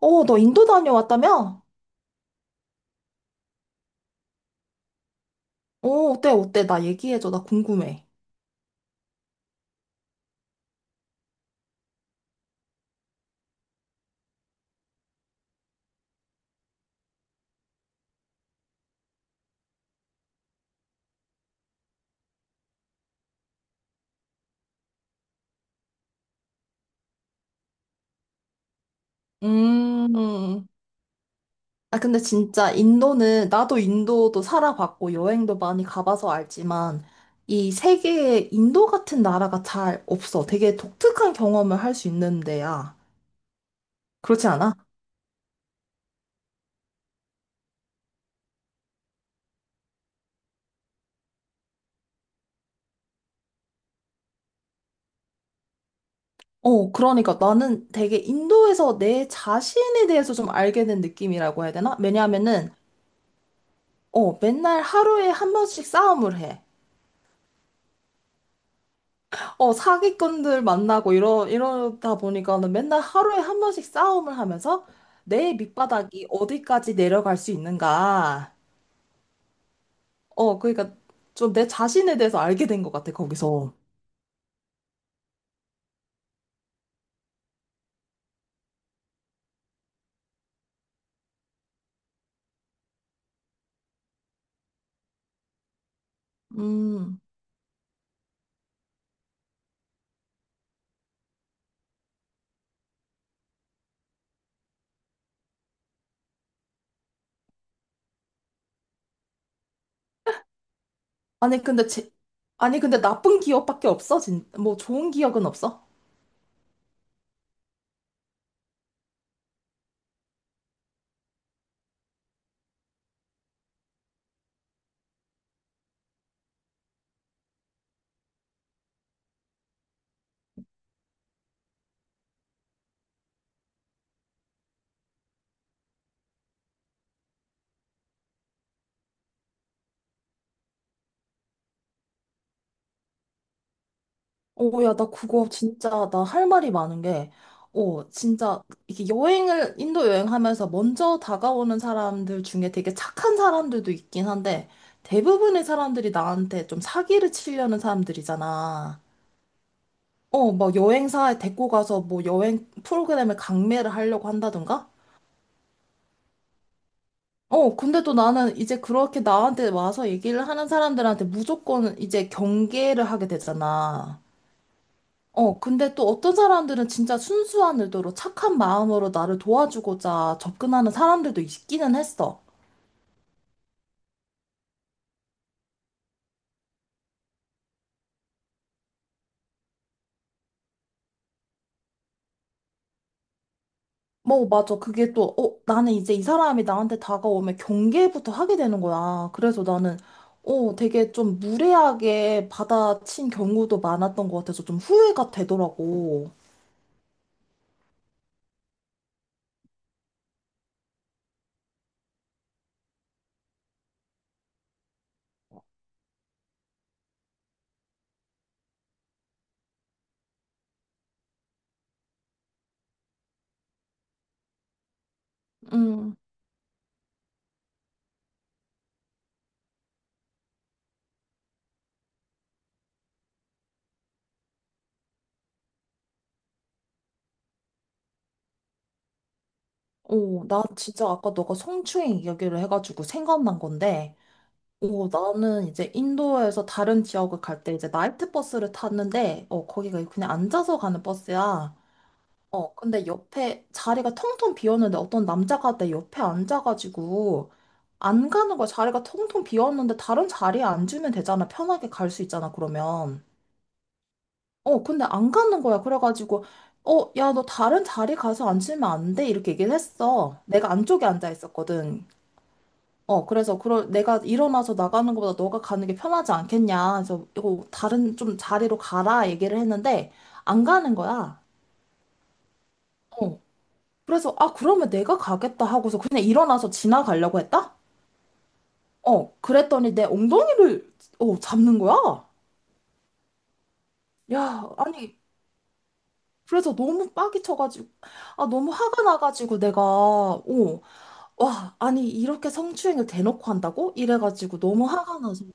너 인도 다녀왔다며? 어때, 어때? 나 얘기해줘. 나 궁금해. 음. 근데 진짜 인도는, 나도 인도도 살아봤고, 여행도 많이 가봐서 알지만, 이 세계에 인도 같은 나라가 잘 없어. 되게 독특한 경험을 할 수 있는데야. 그렇지 않아? 그러니까 나는 되게 인도에서 내 자신에 대해서 좀 알게 된 느낌이라고 해야 되나? 왜냐하면은, 맨날 하루에 한 번씩 싸움을 해. 사기꾼들 만나고 이러다 보니까는 맨날 하루에 한 번씩 싸움을 하면서 내 밑바닥이 어디까지 내려갈 수 있는가. 그러니까 좀 내 자신에 대해서 알게 된 것 같아, 거기서. 음. 아니, 근데 제, 아니, 근데 나쁜 기억밖에 없어? 뭐 좋은 기억은 없어? 오, 야, 나 그거 진짜, 나 할 말이 많은 게, 어, 진짜, 이게 인도 여행하면서 먼저 다가오는 사람들 중에 되게 착한 사람들도 있긴 한데, 대부분의 사람들이 나한테 좀 사기를 치려는 사람들이잖아. 막 여행사에 데리고 가서 뭐 여행 프로그램에 강매를 하려고 한다던가? 근데 또 나는 이제 그렇게 나한테 와서 얘기를 하는 사람들한테 무조건 이제 경계를 하게 되잖아. 근데 또 어떤 사람들은 진짜 순수한 의도로 착한 마음으로 나를 도와주고자 접근하는 사람들도 있기는 했어. 뭐, 맞아. 그게 또, 나는 이제 이 사람이 나한테 다가오면 경계부터 하게 되는 거야. 그래서 나는 되게 좀 무례하게 받아친 경우도 많았던 것 같아서 좀 후회가 되더라고. 음. 어, 나 진짜 아까 너가 성추행 이야기를 해가지고 생각난 건데, 오, 나는 이제 인도에서 다른 지역을 갈 때 이제 나이트 버스를 탔는데, 거기가 그냥 앉아서 가는 버스야. 근데 옆에 자리가 텅텅 비었는데 어떤 남자가 내 옆에 앉아가지고 안 가는 거야. 자리가 텅텅 비었는데 다른 자리에 앉으면 되잖아. 편하게 갈 수 있잖아, 그러면. 근데 안 가는 거야. 그래가지고, 야, 너 다른 자리 가서 앉으면 안 돼. 이렇게 얘기를 했어. 내가 안쪽에 앉아 있었거든. 그래서 그럴 내가 일어나서 나가는 것보다 너가 가는 게 편하지 않겠냐. 그래서 이거 다른 좀 자리로 가라 얘기를 했는데 안 가는 거야. 어. 그래서 아, 그러면 내가 가겠다 하고서 그냥 일어나서 지나가려고 했다? 어. 그랬더니 내 엉덩이를 잡는 거야. 야, 아니 그래서 너무 빡이 쳐가지고 아, 너무 화가 나가지고 내가, 와, 아니 이렇게 성추행을 대놓고 한다고? 이래가지고 너무 화가 나서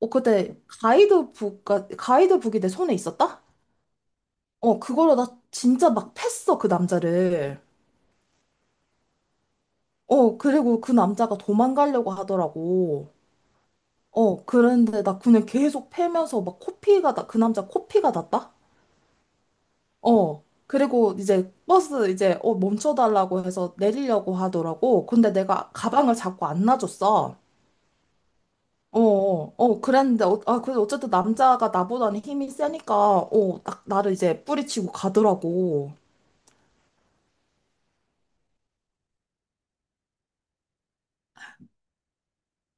그때 가이드북이 내 손에 있었다? 그걸로 나 진짜 막 팼어, 그 남자를. 그리고 그 남자가 도망가려고 하더라고. 그런데 나 그냥 계속 패면서 막 그 남자 코피가 났다? 그리고 이제 버스 이제 멈춰달라고 해서 내리려고 하더라고. 근데 내가 가방을 자꾸 안 놔줬어. 그랬는데, 아, 그래도 어쨌든 남자가 나보다는 힘이 세니까, 딱 나를 이제 뿌리치고 가더라고.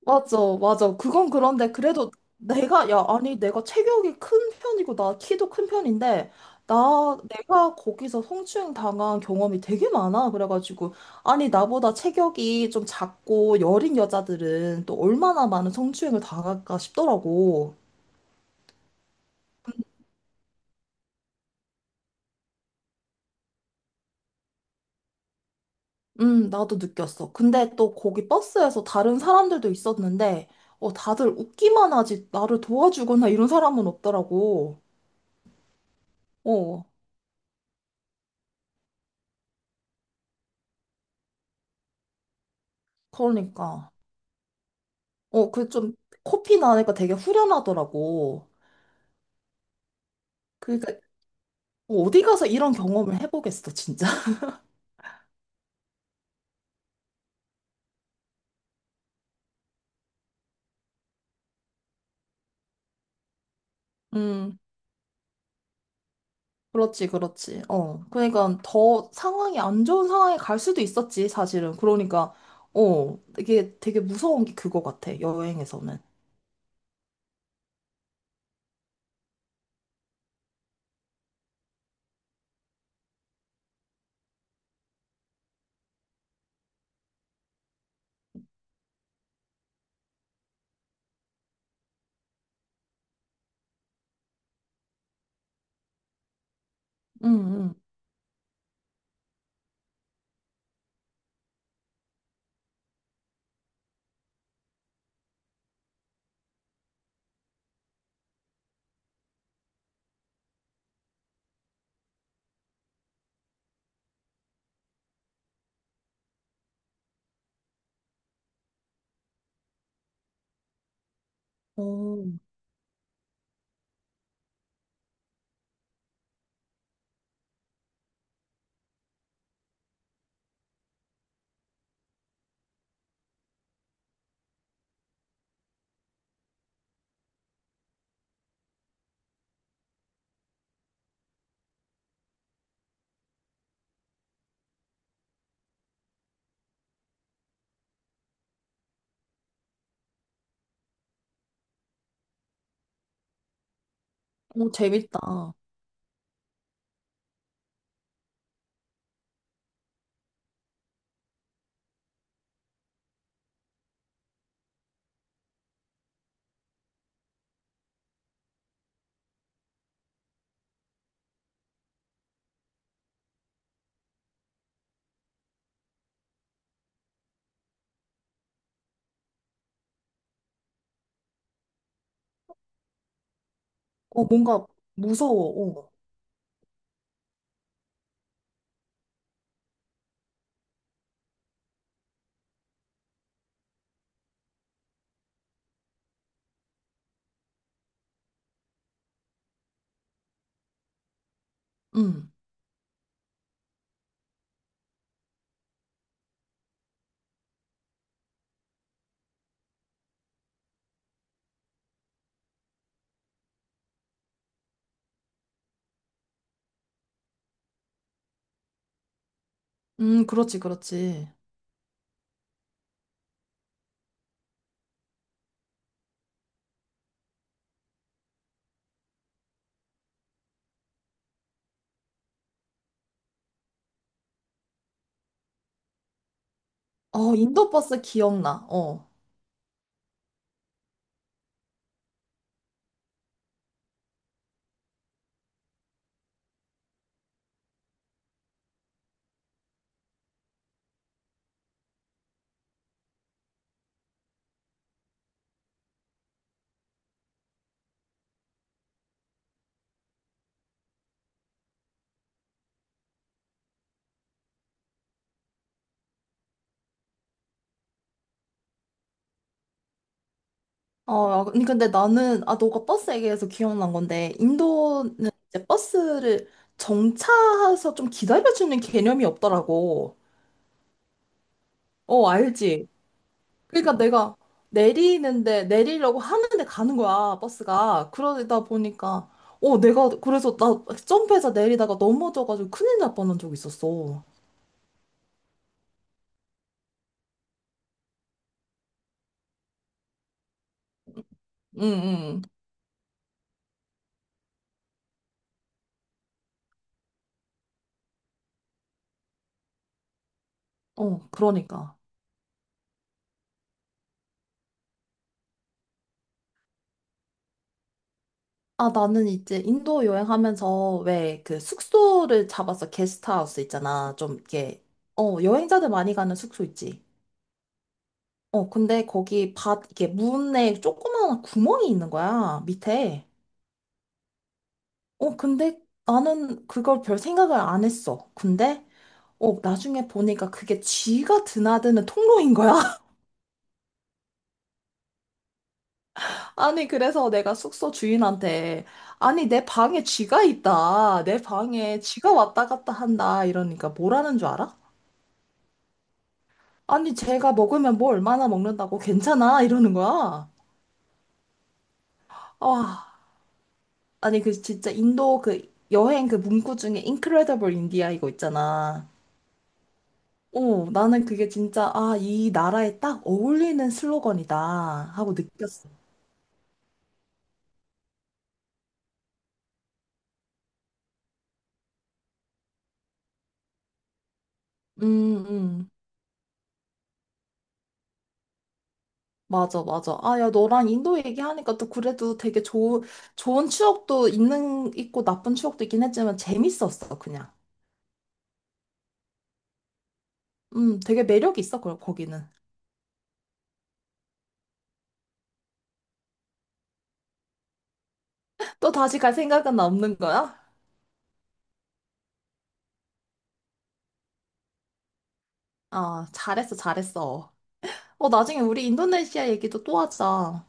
맞아, 맞아. 그건 그런데 그래도 내가, 야, 아니, 내가 체격이 큰 편이고, 나 키도 큰 편인데, 내가 거기서 성추행 당한 경험이 되게 많아. 그래가지고, 아니, 나보다 체격이 좀 작고 여린 여자들은 또 얼마나 많은 성추행을 당할까 싶더라고. 나도 느꼈어. 근데 또 거기 버스에서 다른 사람들도 있었는데, 다들 웃기만 하지, 나를 도와주거나 이런 사람은 없더라고. 어, 그러니까. 그 좀 코피 나니까 되게 후련하더라고. 그러니까 뭐 어디 가서 이런 경험을 해보겠어, 진짜. 음, 그렇지, 그렇지. 그러니까 더 상황이 안 좋은 상황에 갈 수도 있었지, 사실은. 그러니까, 이게 되게 무서운 게 그거 같아, 여행에서는. 응, 응. 어, 어, 재밌다. 어, 뭔가 무서워, 어. 음, 그렇지, 그렇지. 어, 인도버스 기억나, 어. 어, 야, 아니, 근데 나는, 너가 버스 얘기해서 기억난 건데, 인도는 이제 버스를 정차해서 좀 기다려주는 개념이 없더라고. 어, 알지? 그러니까 내가 내리려고 하는데 가는 거야, 버스가. 그러다 보니까, 그래서 나 점프해서 내리다가 넘어져가지고 큰일 날 뻔한 적 있었어. 응, 응. 어, 그러니까. 아, 나는 이제 인도 여행하면서 왜 그 숙소를 잡았어. 게스트하우스 있잖아. 좀 이렇게, 여행자들 많이 가는 숙소 있지. 근데 거기 이게 문에 조그마한 구멍이 있는 거야. 밑에. 근데 나는 그걸 별 생각을 안 했어. 근데, 나중에 보니까 그게 쥐가 드나드는 통로인 거야. 아니, 그래서 내가 숙소 주인한테, 아니, 내 방에 쥐가 있다. 내 방에 쥐가 왔다 갔다 한다. 이러니까 뭐라는 줄 알아? 아니, 제가 먹으면 뭐 얼마나 먹는다고 괜찮아? 이러는 거야. 아, 아니, 그 진짜 인도 그 여행 그 문구 중에 인크레더블 인디아 이거 있잖아. 나는 그게 진짜, 아, 이 나라에 딱 어울리는 슬로건이다 하고 느꼈어. 음, 음. 맞아, 맞아. 아, 야, 너랑 인도 얘기하니까 또 그래도 되게 좋은, 좋은 있고 나쁜 추억도 있긴 했지만 재밌었어, 그냥. 되게 매력 있어, 거기는. 또 다시 갈 생각은 없는 거야? 아, 잘했어, 잘했어. 나중에 우리 인도네시아 얘기도 또 하자.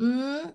음.